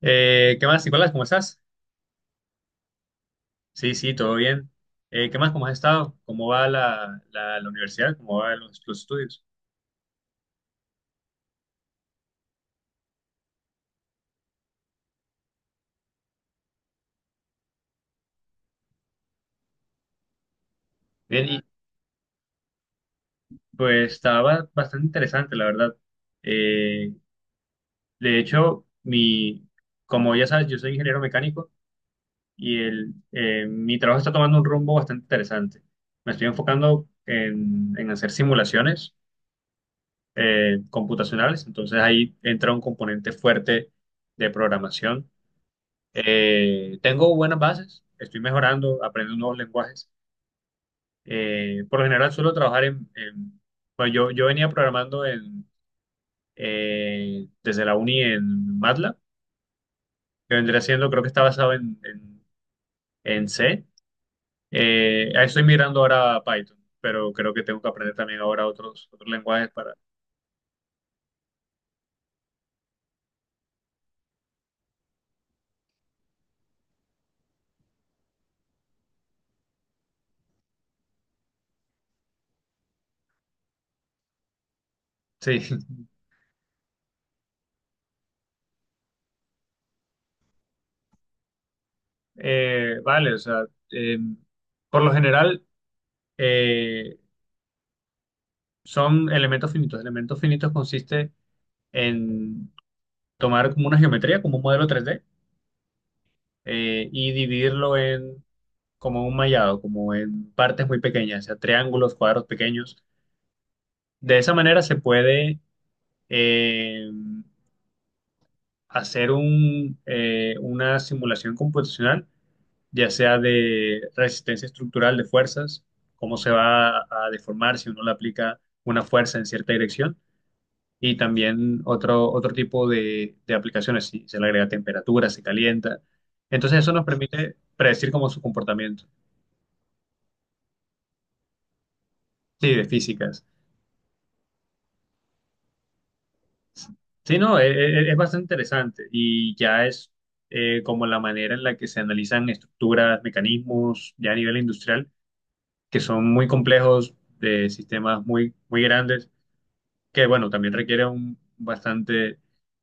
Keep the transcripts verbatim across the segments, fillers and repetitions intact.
Eh, ¿qué más, Nicolás? ¿Cómo estás? Sí, sí, todo bien. Eh, ¿qué más? ¿Cómo has estado? ¿Cómo va la, la, la universidad? ¿Cómo van los, los estudios? Bien, y pues estaba bastante interesante, la verdad. Eh, de hecho, mi, Como ya sabes, yo soy ingeniero mecánico y el, eh, mi trabajo está tomando un rumbo bastante interesante. Me estoy enfocando en, en hacer simulaciones eh, computacionales, entonces ahí entra un componente fuerte de programación. Eh, tengo buenas bases, estoy mejorando, aprendo nuevos lenguajes. Eh, por lo general suelo trabajar en, en- bueno, yo, yo venía programando en, eh, desde la uni en MATLAB, que vendría siendo, creo que está basado en, en, en C. Eh, ah, estoy migrando ahora a Python, pero creo que tengo que aprender también ahora otros, otros lenguajes para... Sí, Eh, vale, o sea, eh, por lo general eh, son elementos finitos. Elementos finitos consiste en tomar como una geometría, como un modelo tres d eh, y dividirlo en como un mallado, como en partes muy pequeñas, o sea, triángulos, cuadros pequeños. De esa manera se puede eh, hacer un, eh, una simulación computacional, ya sea de resistencia estructural de fuerzas, cómo se va a a deformar si uno le aplica una fuerza en cierta dirección. Y también otro, otro tipo de, de aplicaciones, si se le agrega temperatura, se calienta. Entonces eso nos permite predecir como su comportamiento. Sí, de físicas. Sí, no, e- e- e, es bastante interesante y ya es eh, como la manera en la que se analizan estructuras, mecanismos, ya a nivel industrial, que son muy complejos, de sistemas muy, muy grandes, que bueno, también requiere un bastante,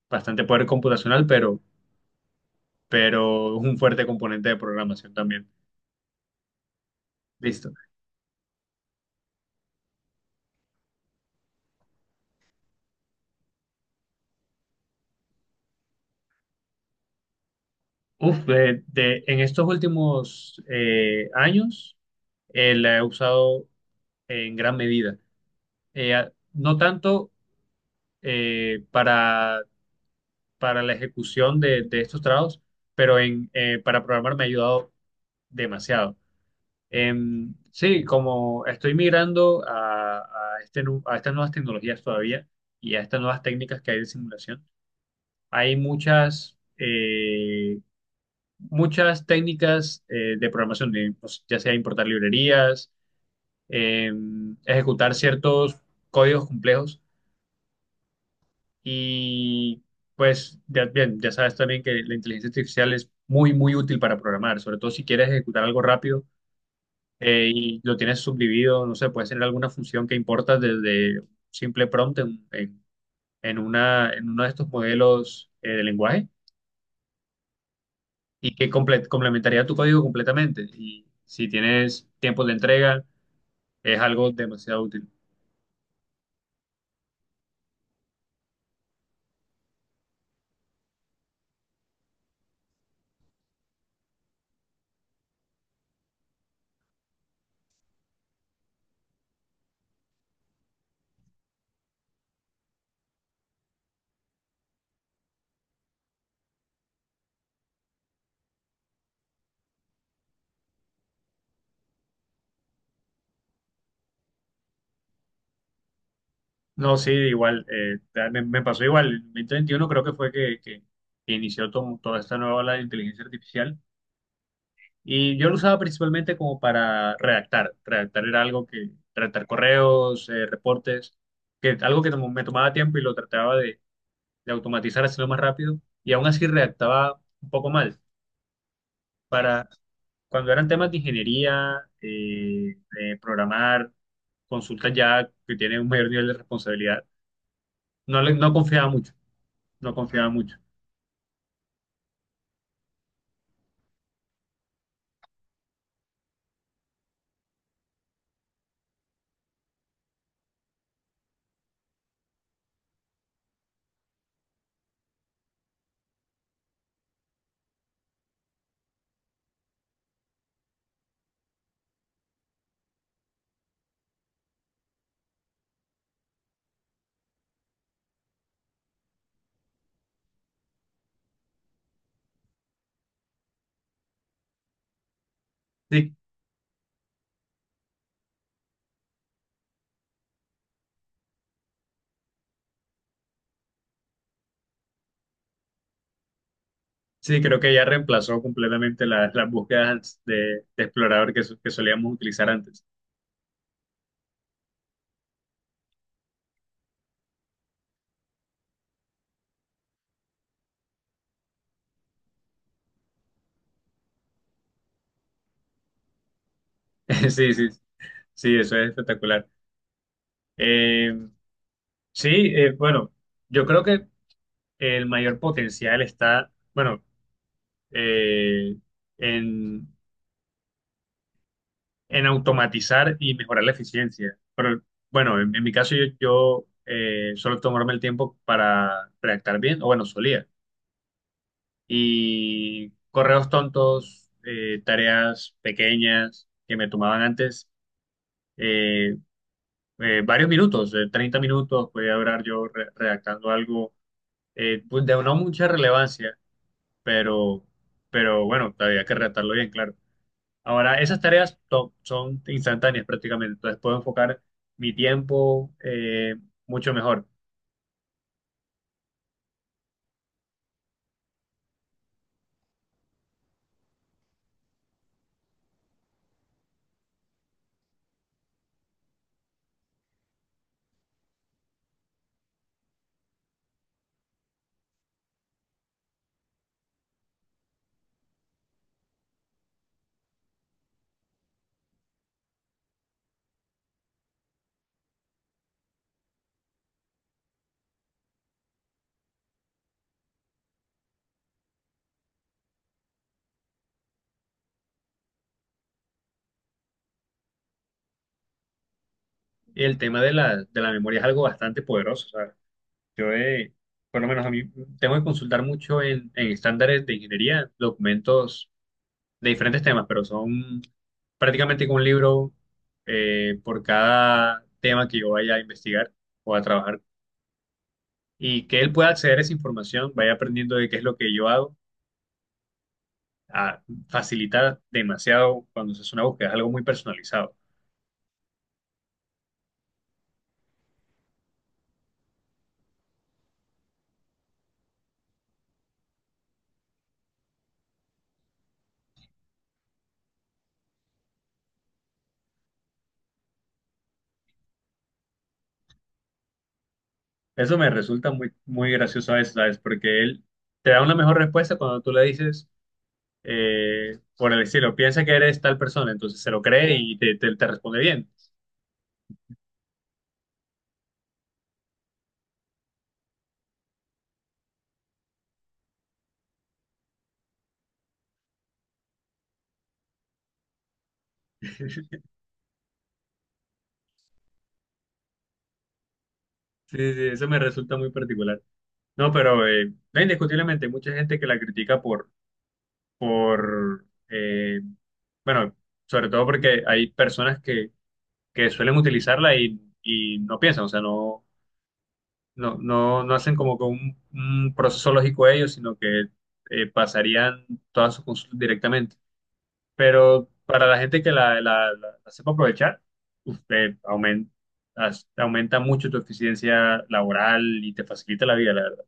bastante poder computacional, pero, pero un fuerte componente de programación también. Listo. Uf, de- de- en estos últimos eh, años eh, la he usado en gran medida. Eh, a- no tanto eh, para, para la ejecución de, de estos trabajos, pero en, eh, para programar me ha ayudado demasiado. Em, sí, como estoy migrando a, a este nu- a estas nuevas tecnologías todavía y a estas nuevas técnicas que hay de simulación, hay muchas eh, muchas técnicas eh, de programación, de, pues, ya sea importar librerías, eh, ejecutar ciertos códigos complejos y pues ya, bien, ya sabes también que la inteligencia artificial es muy, muy útil para programar, sobre todo si quieres ejecutar algo rápido eh, y lo tienes subdividido, no sé, puedes tener alguna función que importas desde un simple prompt en, en, en una, en uno de estos modelos eh, de lenguaje y que comple- complementaría tu código completamente. Y si tienes tiempos de entrega, es algo demasiado útil. No, sí, igual, eh, ta- me, me pasó igual. En dos mil veintiuno creo que fue que, que- que inició to- toda esta nueva ola de inteligencia artificial y yo lo usaba principalmente como para redactar. Redactar era algo que, redactar correos, eh, reportes, que algo que tomo- me tomaba tiempo y lo trataba de, de automatizar, hacerlo más rápido y aún así redactaba un poco mal. Para, cuando eran temas de ingeniería, eh, de programar, consultas ya que tienen un mayor nivel de responsabilidad, no, le- no confiaba mucho, no confiaba mucho. Sí, sí, creo que ya reemplazó completamente la- las búsquedas de, de explorador que, so- que solíamos utilizar antes. Sí, sí, sí, eso es espectacular. Eh, sí, eh, bueno, yo creo que el mayor potencial está, bueno, eh, en, en automatizar y mejorar la eficiencia. Pero bueno, en, en mi caso yo, yo eh, suelo tomarme el tiempo para redactar bien, o bueno, solía y correos tontos, eh, tareas pequeñas que me tomaban antes eh, eh, varios minutos, eh, treinta minutos, podía durar yo re- redactando algo eh, pues de no mucha relevancia, pero, pero bueno, había que redactarlo bien, claro. Ahora, esas tareas to- son instantáneas prácticamente, entonces puedo enfocar mi tiempo eh, mucho mejor. Y el tema de la, de la memoria es algo bastante poderoso, ¿sabes? Yo, eh, por lo menos a mí, tengo que consultar mucho en, en estándares de ingeniería, documentos de diferentes temas, pero son prácticamente como un libro eh, por cada tema que yo vaya a investigar o a trabajar. Y que él pueda acceder a esa información, vaya aprendiendo de qué es lo que yo hago, a facilitar demasiado cuando se hace una búsqueda, es algo muy personalizado. Eso me resulta muy, muy gracioso a veces, ¿sabes? Porque él te da una mejor respuesta cuando tú le dices eh, por el estilo, piensa que eres tal persona, entonces se lo cree y te, te, te responde bien. Sí, sí, eso me resulta muy particular. No, pero eh, no, indiscutiblemente hay mucha gente que la critica por, por eh, bueno, sobre todo porque hay personas que, que suelen utilizarla y, y no piensan, o sea, no, no, no, no hacen como que un, un proceso lógico ellos, sino que eh, pasarían todas sus consultas directamente. Pero para la gente que la, la- la- la sepa aprovechar, usted aumenta, aumenta mucho tu eficiencia laboral y te facilita la vida, la verdad.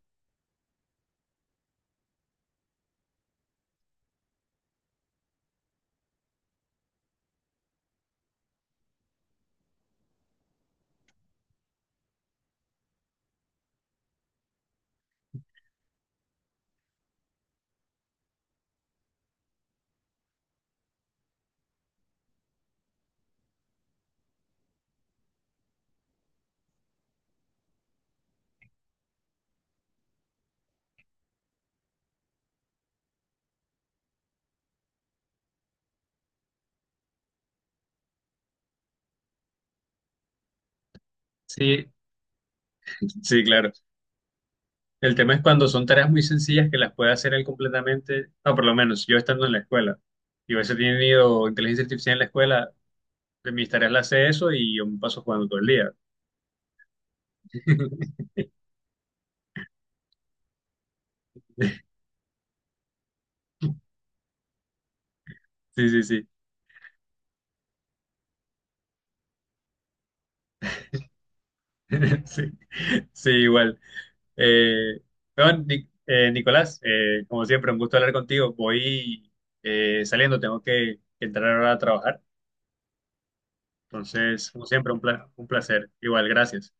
Sí, sí, claro. El tema es cuando son tareas muy sencillas que las puede hacer él completamente, o por lo menos yo estando en la escuela. Yo a veces he tenido inteligencia artificial en la escuela, de mis tareas las hace eso y yo me paso jugando todo el día. Sí, sí, sí. Sí, sí, igual. Eh, bueno, Ni- eh, Nicolás, eh, como siempre, un gusto hablar contigo. Voy eh, saliendo, tengo que, que entrar ahora a trabajar. Entonces, como siempre, un pla- un placer. Igual, gracias.